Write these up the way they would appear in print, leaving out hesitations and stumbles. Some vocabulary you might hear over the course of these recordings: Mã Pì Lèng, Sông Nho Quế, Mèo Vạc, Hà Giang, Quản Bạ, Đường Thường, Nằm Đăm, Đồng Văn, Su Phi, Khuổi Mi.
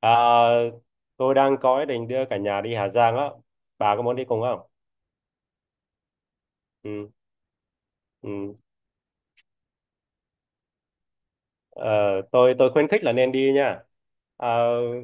À, tôi đang có ý định đưa cả nhà đi Hà Giang á. Bà có muốn đi cùng không? Ừ, ừ. Ờ, tôi khuyến khích là nên đi nha. Ờ,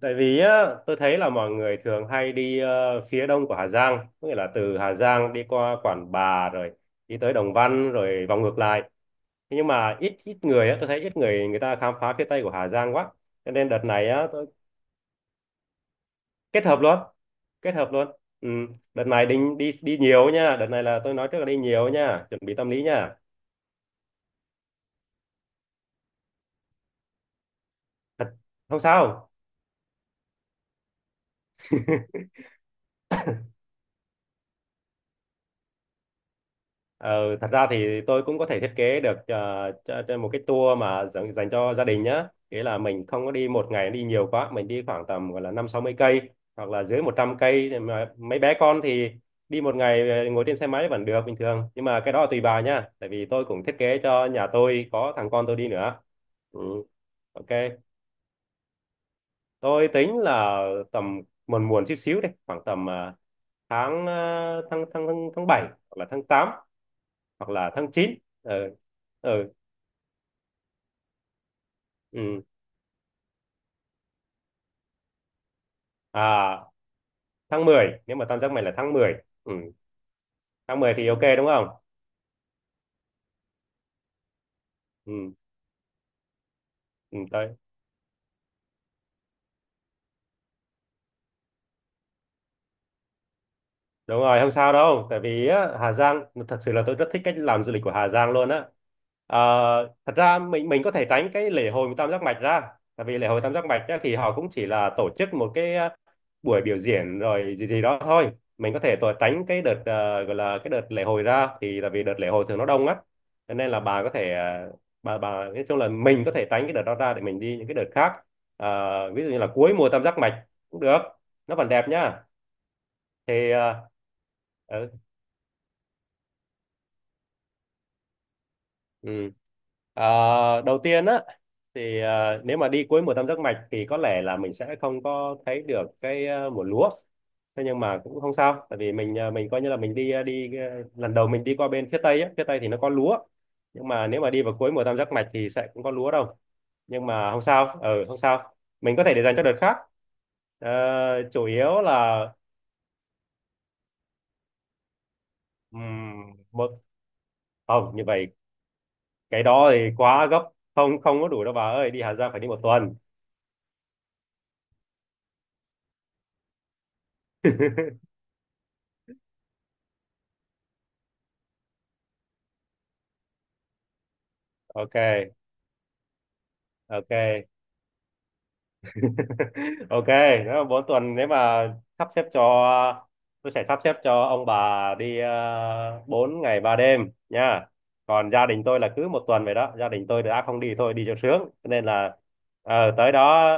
tại vì á, tôi thấy là mọi người thường hay đi phía đông của Hà Giang, có nghĩa là từ Hà Giang đi qua Quản Bạ rồi đi tới Đồng Văn rồi vòng ngược lại. Thế nhưng mà ít ít người á, tôi thấy ít người người ta khám phá phía tây của Hà Giang quá. Cho nên đợt này á, tôi kết hợp luôn kết hợp luôn. Ừ. Đợt này định đi đi nhiều nha, đợt này là tôi nói trước là đi nhiều nha, chuẩn bị tâm lý nha. Thật không sao. Ờ, thật ra thì tôi cũng có thể thiết kế được cho một cái tour mà dành cho gia đình nhá, nghĩa là mình không có đi một ngày đi nhiều quá, mình đi khoảng tầm gọi là 50-60 cây, hoặc là dưới 100 cây, để mà mấy bé con thì đi một ngày ngồi trên xe máy vẫn được bình thường. Nhưng mà cái đó là tùy bà nha, tại vì tôi cũng thiết kế cho nhà tôi có thằng con tôi đi nữa. Ừ, ok. Tôi tính là tầm muộn muộn chút xíu, đi khoảng tầm tháng ờ, tháng tháng tháng tháng bảy hoặc là tháng 8, hoặc là tháng 9. Ừ ừ ừ. À, tháng 10, nếu mà tam giác mày là tháng 10. Ừ. tháng 10 thì ok đúng không? Ừ. Ừ đấy. Đúng rồi, không sao đâu, tại vì á, Hà Giang thật sự là tôi rất thích cách làm du lịch của Hà Giang luôn á. Ờ, thật ra mình có thể tránh cái lễ hội tam giác mạch ra, tại vì lễ hội tam giác mạch á, thì họ cũng chỉ là tổ chức một cái buổi biểu diễn rồi gì gì đó thôi. Mình có thể tránh cái đợt gọi là cái đợt lễ hội ra, thì là vì đợt lễ hội thường nó đông á, cho nên là bà có thể bà nói chung là mình có thể tránh cái đợt đó ra để mình đi những cái đợt khác. Ờ, ví dụ như là cuối mùa tam giác mạch cũng được, nó vẫn đẹp nhá. Thì ờ, ừ, Ừ. Ờ, đầu tiên á, thì ờ, nếu mà đi cuối mùa tam giác mạch thì có lẽ là mình sẽ không có thấy được cái mùa lúa. Thế nhưng mà cũng không sao, tại vì mình ờ, mình coi như là mình đi lần đầu mình đi qua bên phía tây á, phía tây thì nó có lúa, nhưng mà nếu mà đi vào cuối mùa tam giác mạch thì sẽ cũng có lúa đâu. Nhưng mà không sao, ừ, không sao, mình có thể để dành cho đợt khác. Ờ, chủ yếu là một không như vậy, cái đó thì quá gấp, không không có đủ đâu bà ơi, đi Hà Giang phải đi 1 tuần. Ok. Ok. Ok. Nếu mà mỗi tuần, nếu mà sắp xếp cho tôi sẽ sắp xếp cho ông bà đi 4 ngày ba đêm nha. Còn gia đình tôi là cứ 1 tuần vậy đó, gia đình tôi đã không đi thôi, đi cho sướng. Cho nên là ờ, tới đó,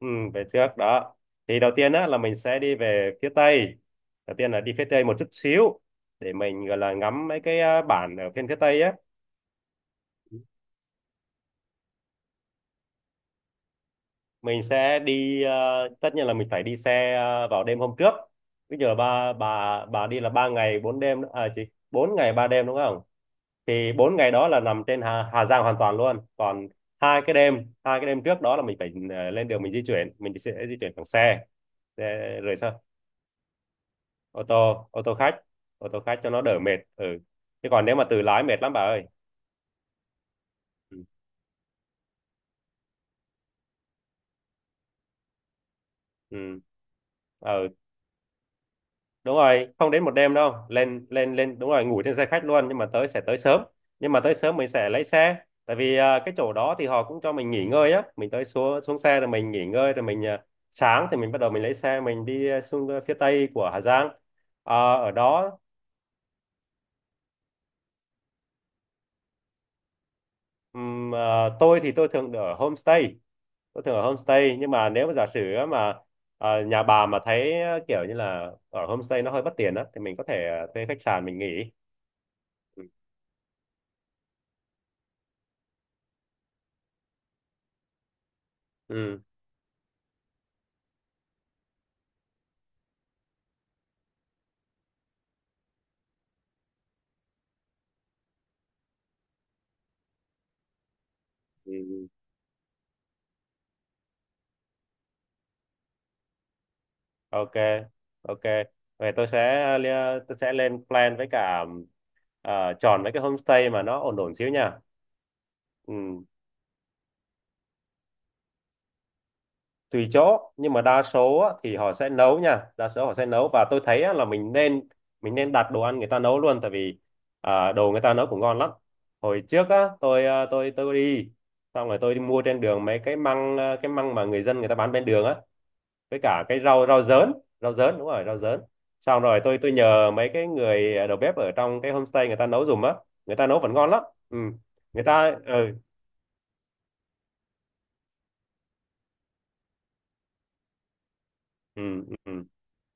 ừ, về trước đó. Thì đầu tiên á, là mình sẽ đi về phía Tây, đầu tiên là đi phía Tây một chút xíu để mình gọi là ngắm mấy cái bản ở phía phía Tây á. Mình sẽ đi tất nhiên là mình phải đi xe vào đêm hôm trước. Bây giờ ba bà đi là 3 ngày 4 đêm à chị? 4 ngày 3 đêm đúng không? Thì 4 ngày đó là nằm trên Hà Giang hoàn toàn luôn, còn hai cái đêm trước đó là mình phải lên đường, mình di chuyển, mình sẽ di chuyển bằng xe. Rồi sao, ô tô khách. Ô tô khách cho nó đỡ mệt, ừ. Chứ còn nếu mà tự lái mệt lắm bà ơi. Ừ ừ. Ừ. Đúng rồi, không đến một đêm đâu, lên lên lên đúng rồi, ngủ trên xe khách luôn, nhưng mà tới sẽ tới sớm. Nhưng mà tới sớm mình sẽ lấy xe, tại vì à, cái chỗ đó thì họ cũng cho mình nghỉ ngơi á, mình tới xuống xuống xe rồi mình nghỉ ngơi, rồi mình à, sáng thì mình bắt đầu mình lấy xe mình đi à, xuống à, phía tây của Hà Giang. À, ở đó à, tôi thường ở homestay, tôi thường ở homestay. Nhưng mà nếu mà giả sử á mà à, nhà bà mà thấy à, kiểu như là ở homestay nó hơi bất tiện á, thì mình có thể à, thuê khách sạn mình nghỉ. Ừ. Ừ. Ừ. Ok. Ok, vậy tôi sẽ lên plan, với cả ờ, chọn mấy cái homestay mà nó ổn ổn xíu nha. Ừ. Tùy chỗ, nhưng mà đa số á, thì họ sẽ nấu nha, đa số họ sẽ nấu. Và tôi thấy á, là mình nên đặt đồ ăn người ta nấu luôn, tại vì à, đồ người ta nấu cũng ngon lắm. Hồi trước á tôi à, tôi đi xong rồi tôi đi mua trên đường mấy cái măng, à, cái măng mà người dân người ta bán bên đường á, với cả cái rau rau dớn, rau dớn đúng rồi, rau dớn. Xong rồi tôi nhờ mấy cái người đầu bếp ở trong cái homestay người ta nấu giùm á, người ta nấu vẫn ngon lắm. Ừ. Người ta ừ. Ừ. Ừ.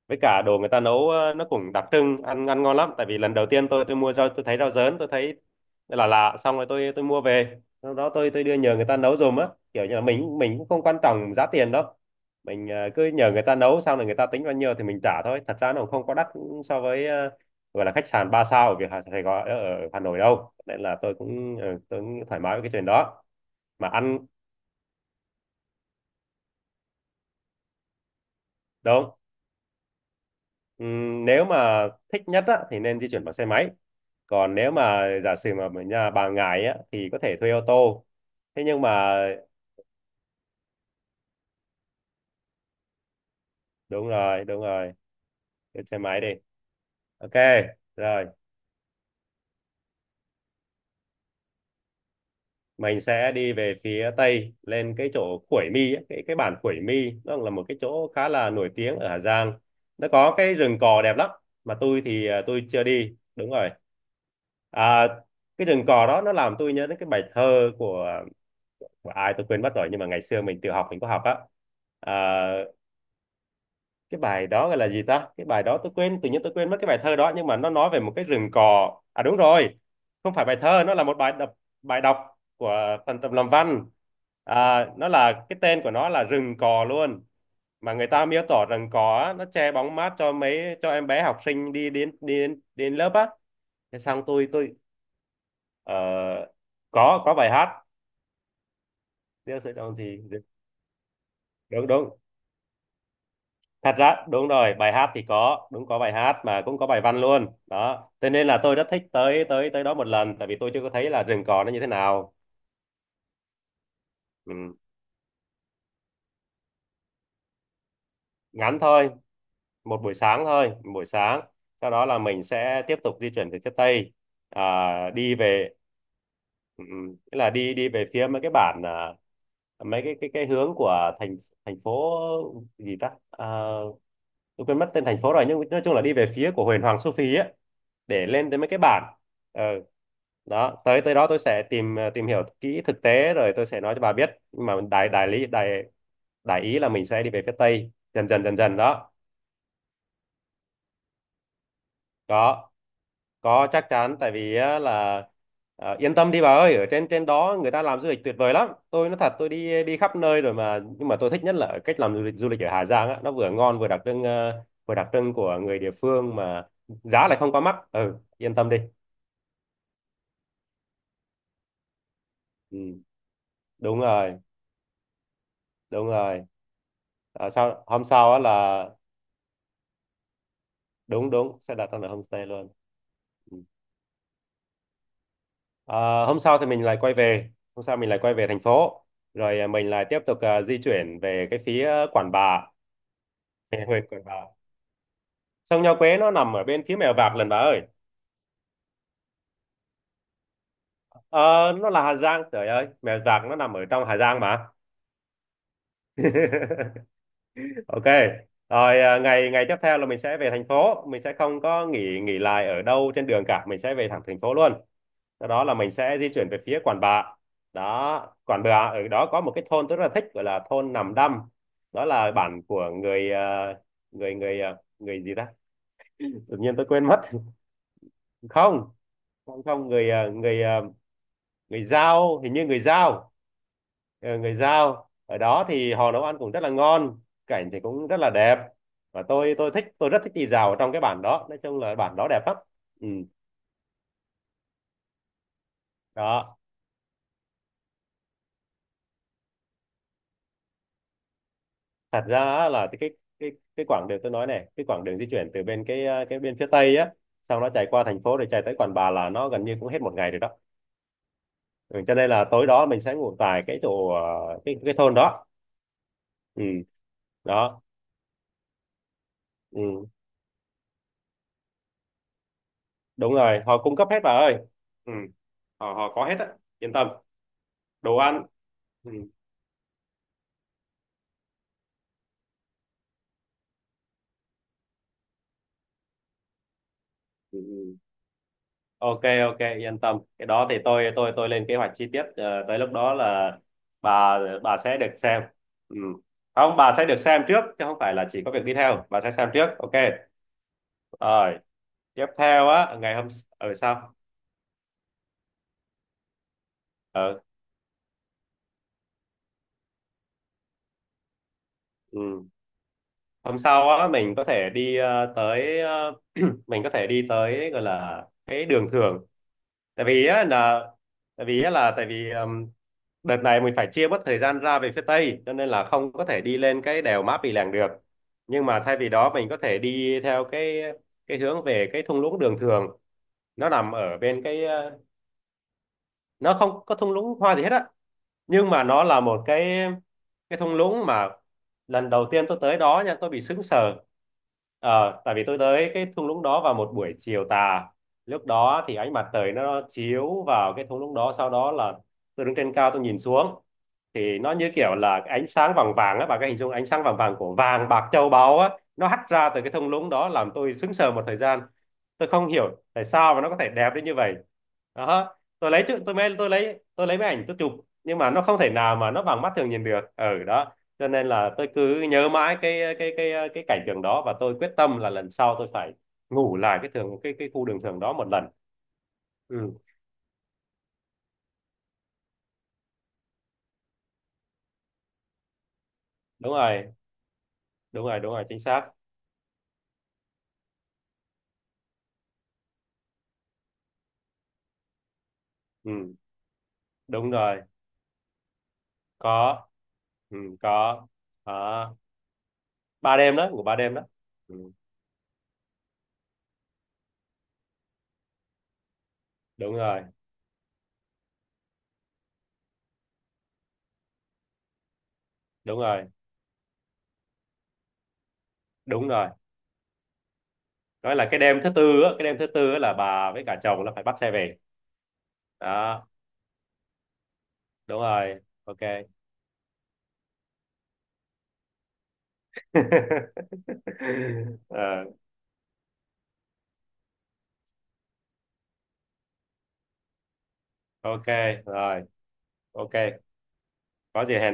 Với cả đồ người ta nấu ờ, nó cũng đặc trưng, ăn ăn ngon lắm, tại vì lần đầu tiên tôi mua rau, tôi thấy rau dớn, tôi thấy là lạ. Xong rồi tôi mua về, sau đó tôi đưa nhờ người ta nấu giùm á, kiểu như là mình cũng không quan trọng giá tiền đâu. Mình ờ, cứ nhờ người ta nấu xong rồi người ta tính bao nhiêu thì mình trả thôi, thật ra nó cũng không có đắt so với gọi là khách sạn 3 sao ở Việt Hà Sài Gòn ở Hà Nội đâu, nên là tôi cũng ờ, tôi cũng thoải mái với cái chuyện đó. Mà ăn đúng. Nếu mà thích nhất á, thì nên di chuyển bằng xe máy. Còn nếu mà giả sử mà ở nhà bà ngại á, thì có thể thuê ô tô. Thế nhưng mà đúng rồi, đúng rồi, thuê xe máy đi. Ok. Rồi mình sẽ đi về phía tây, lên cái chỗ Khuổi Mi ấy, cái bản Khuổi Mi nó là một cái chỗ khá là nổi tiếng ở Hà Giang. Nó có cái rừng cò đẹp lắm, mà tôi thì à, tôi chưa đi đúng rồi. À, cái rừng cò đó nó làm tôi nhớ đến cái bài thơ của ai tôi quên mất rồi, nhưng mà ngày xưa mình tự học mình có học á. À, cái bài đó gọi là gì ta, cái bài đó tôi quên, tự nhiên tôi quên mất cái bài thơ đó, nhưng mà nó nói về một cái rừng cỏ à, đúng rồi không phải bài thơ, nó là một bài đọc, bài đọc của phần tập làm văn. À, nó là cái tên của nó là rừng cò luôn, mà người ta miêu tả rừng cò á, nó che bóng mát cho mấy cho em bé học sinh đi đến lớp á. Thế xong tôi ờ, có bài hát. Nếu sẽ chọn thì đúng đúng, thật ra đúng rồi, bài hát thì có, đúng có bài hát mà cũng có bài văn luôn đó, cho nên là tôi rất thích tới tới tới đó một lần, tại vì tôi chưa có thấy là rừng cò nó như thế nào. Ừ. Ngắn thôi, một buổi sáng thôi, một buổi sáng. Sau đó là mình sẽ tiếp tục di chuyển về phía tây, à, đi về ừ, ừ. Tức là đi đi về phía mấy cái bản, à, mấy cái hướng của thành thành phố gì ta, à, tôi quên mất tên thành phố rồi, nhưng nói chung là đi về phía của Huyền Hoàng Su Phi ấy để lên tới mấy cái bản. Ừ. Đó, tới tới đó tôi sẽ tìm tìm hiểu kỹ thực tế rồi tôi sẽ nói cho bà biết, nhưng mà đại đại lý đại đại ý là mình sẽ đi về phía tây dần dần dần dần đó. có có, chắc chắn, tại vì á, là yên tâm đi bà ơi, ở trên trên đó người ta làm du lịch tuyệt vời lắm. Tôi nói thật, tôi đi đi khắp nơi rồi mà, nhưng mà tôi thích nhất là ở cách làm du lịch ở Hà Giang á, nó vừa ngon vừa đặc trưng, vừa đặc trưng của người địa phương mà giá lại không quá mắc. Ừ, yên tâm đi. Ừ, đúng rồi, đúng rồi. Ờ, Sau hôm sau á là đúng đúng sẽ đặt ra là homestay luôn. Ừ. Ờ, Hôm sau thì mình lại quay về, hôm sau mình lại quay về thành phố, rồi mình lại tiếp tục di chuyển về cái phía Quản Bạ, về huyện Quản Bạ. Sông Nho Quế nó nằm ở bên phía Mèo Vạc lần bà ơi. Ờ, nó là Hà Giang, trời ơi, Mèo Vạc nó nằm ở trong Hà Giang mà. Ok, rồi ngày ngày tiếp theo là mình sẽ về thành phố, mình sẽ không có nghỉ nghỉ lại ở đâu trên đường cả, mình sẽ về thẳng thành phố luôn. Sau đó là mình sẽ di chuyển về phía Quản Bạ. Đó, Quản Bạ, ở đó có một cái thôn tôi rất là thích, gọi là thôn Nằm Đăm. Đó là bản của người người người ờ, người gì ta? Tự nhiên tôi quên mất. Không, không người người Dao, hình như người Dao. Ờ, người Dao. Ở đó thì họ nấu ăn cũng rất là ngon, cảnh thì cũng rất là đẹp. Và tôi rất thích đi dạo ở trong cái bản đó, nói chung là bản đó đẹp lắm. Ừ. Đó, thật ra á là cái quãng đường tôi nói này, cái quãng đường di chuyển từ bên cái cái bên phía tây á, xong nó chạy qua thành phố rồi chạy tới Quản Bạ là nó gần như cũng hết một ngày rồi đó. Ừ, cho nên là tối đó mình sẽ ngủ tại cái chỗ cái thôn đó. Ừ, đó. Ừ, đúng rồi, họ cung cấp hết bà ơi. Ừ, họ họ có hết á, yên tâm, đồ ăn. Ừ, ừ, ừ. Ok, ok, yên tâm. Cái đó thì tôi tôi lên kế hoạch chi tiết, tới lúc đó là bà sẽ được xem. Ừ. Không, bà sẽ được xem trước chứ không phải là chỉ có việc đi theo, bà sẽ xem trước, ok, rồi. Tiếp theo á, ngày hôm ở sau ờ, ừ. Hôm sau á mình có thể đi mình có thể đi tới, gọi là cái đường thường. tại vì á là Tại vì đợt này mình phải chia bớt thời gian ra về phía Tây cho nên là không có thể đi lên cái đèo Mã Pì Lèng được, nhưng mà thay vì đó mình có thể đi theo cái hướng về cái thung lũng Đường Thường. Nó nằm ở bên cái nó không có thung lũng hoa gì hết á, nhưng mà nó là một cái thung lũng mà lần đầu tiên tôi tới đó nha, tôi bị sững sờ. Ờ, tại vì tôi tới cái thung lũng đó vào một buổi chiều tà, lúc đó thì ánh mặt trời nó chiếu vào cái thung lũng đó, sau đó là tôi đứng trên cao tôi nhìn xuống thì nó như kiểu là cái ánh sáng vàng vàng á. Bà có hình dung ánh sáng vàng vàng của vàng bạc châu báu á, nó hắt ra từ cái thung lũng đó làm tôi sững sờ một thời gian. Tôi không hiểu tại sao mà nó có thể đẹp đến như vậy. Đó, tôi lấy chữ tôi mới tôi lấy máy ảnh tôi chụp, nhưng mà nó không thể nào mà nó bằng mắt thường nhìn được ở đó. Cho nên là tôi cứ nhớ mãi cái cảnh tượng đó, và tôi quyết tâm là lần sau tôi phải ngủ lại cái khu đường thường đó một lần. Ừ, đúng rồi, đúng rồi, đúng rồi, chính xác. Ừ, đúng rồi. Có, ừ, có. Đó. Ba đêm đó, ngủ ba đêm đó. Ừ. Đúng rồi, đúng rồi, đúng rồi. Nói là cái đêm thứ tư á, là bà với cả chồng là phải bắt xe về đó. Đúng rồi, ok. Ờ, ok, rồi, ok, có gì hẹn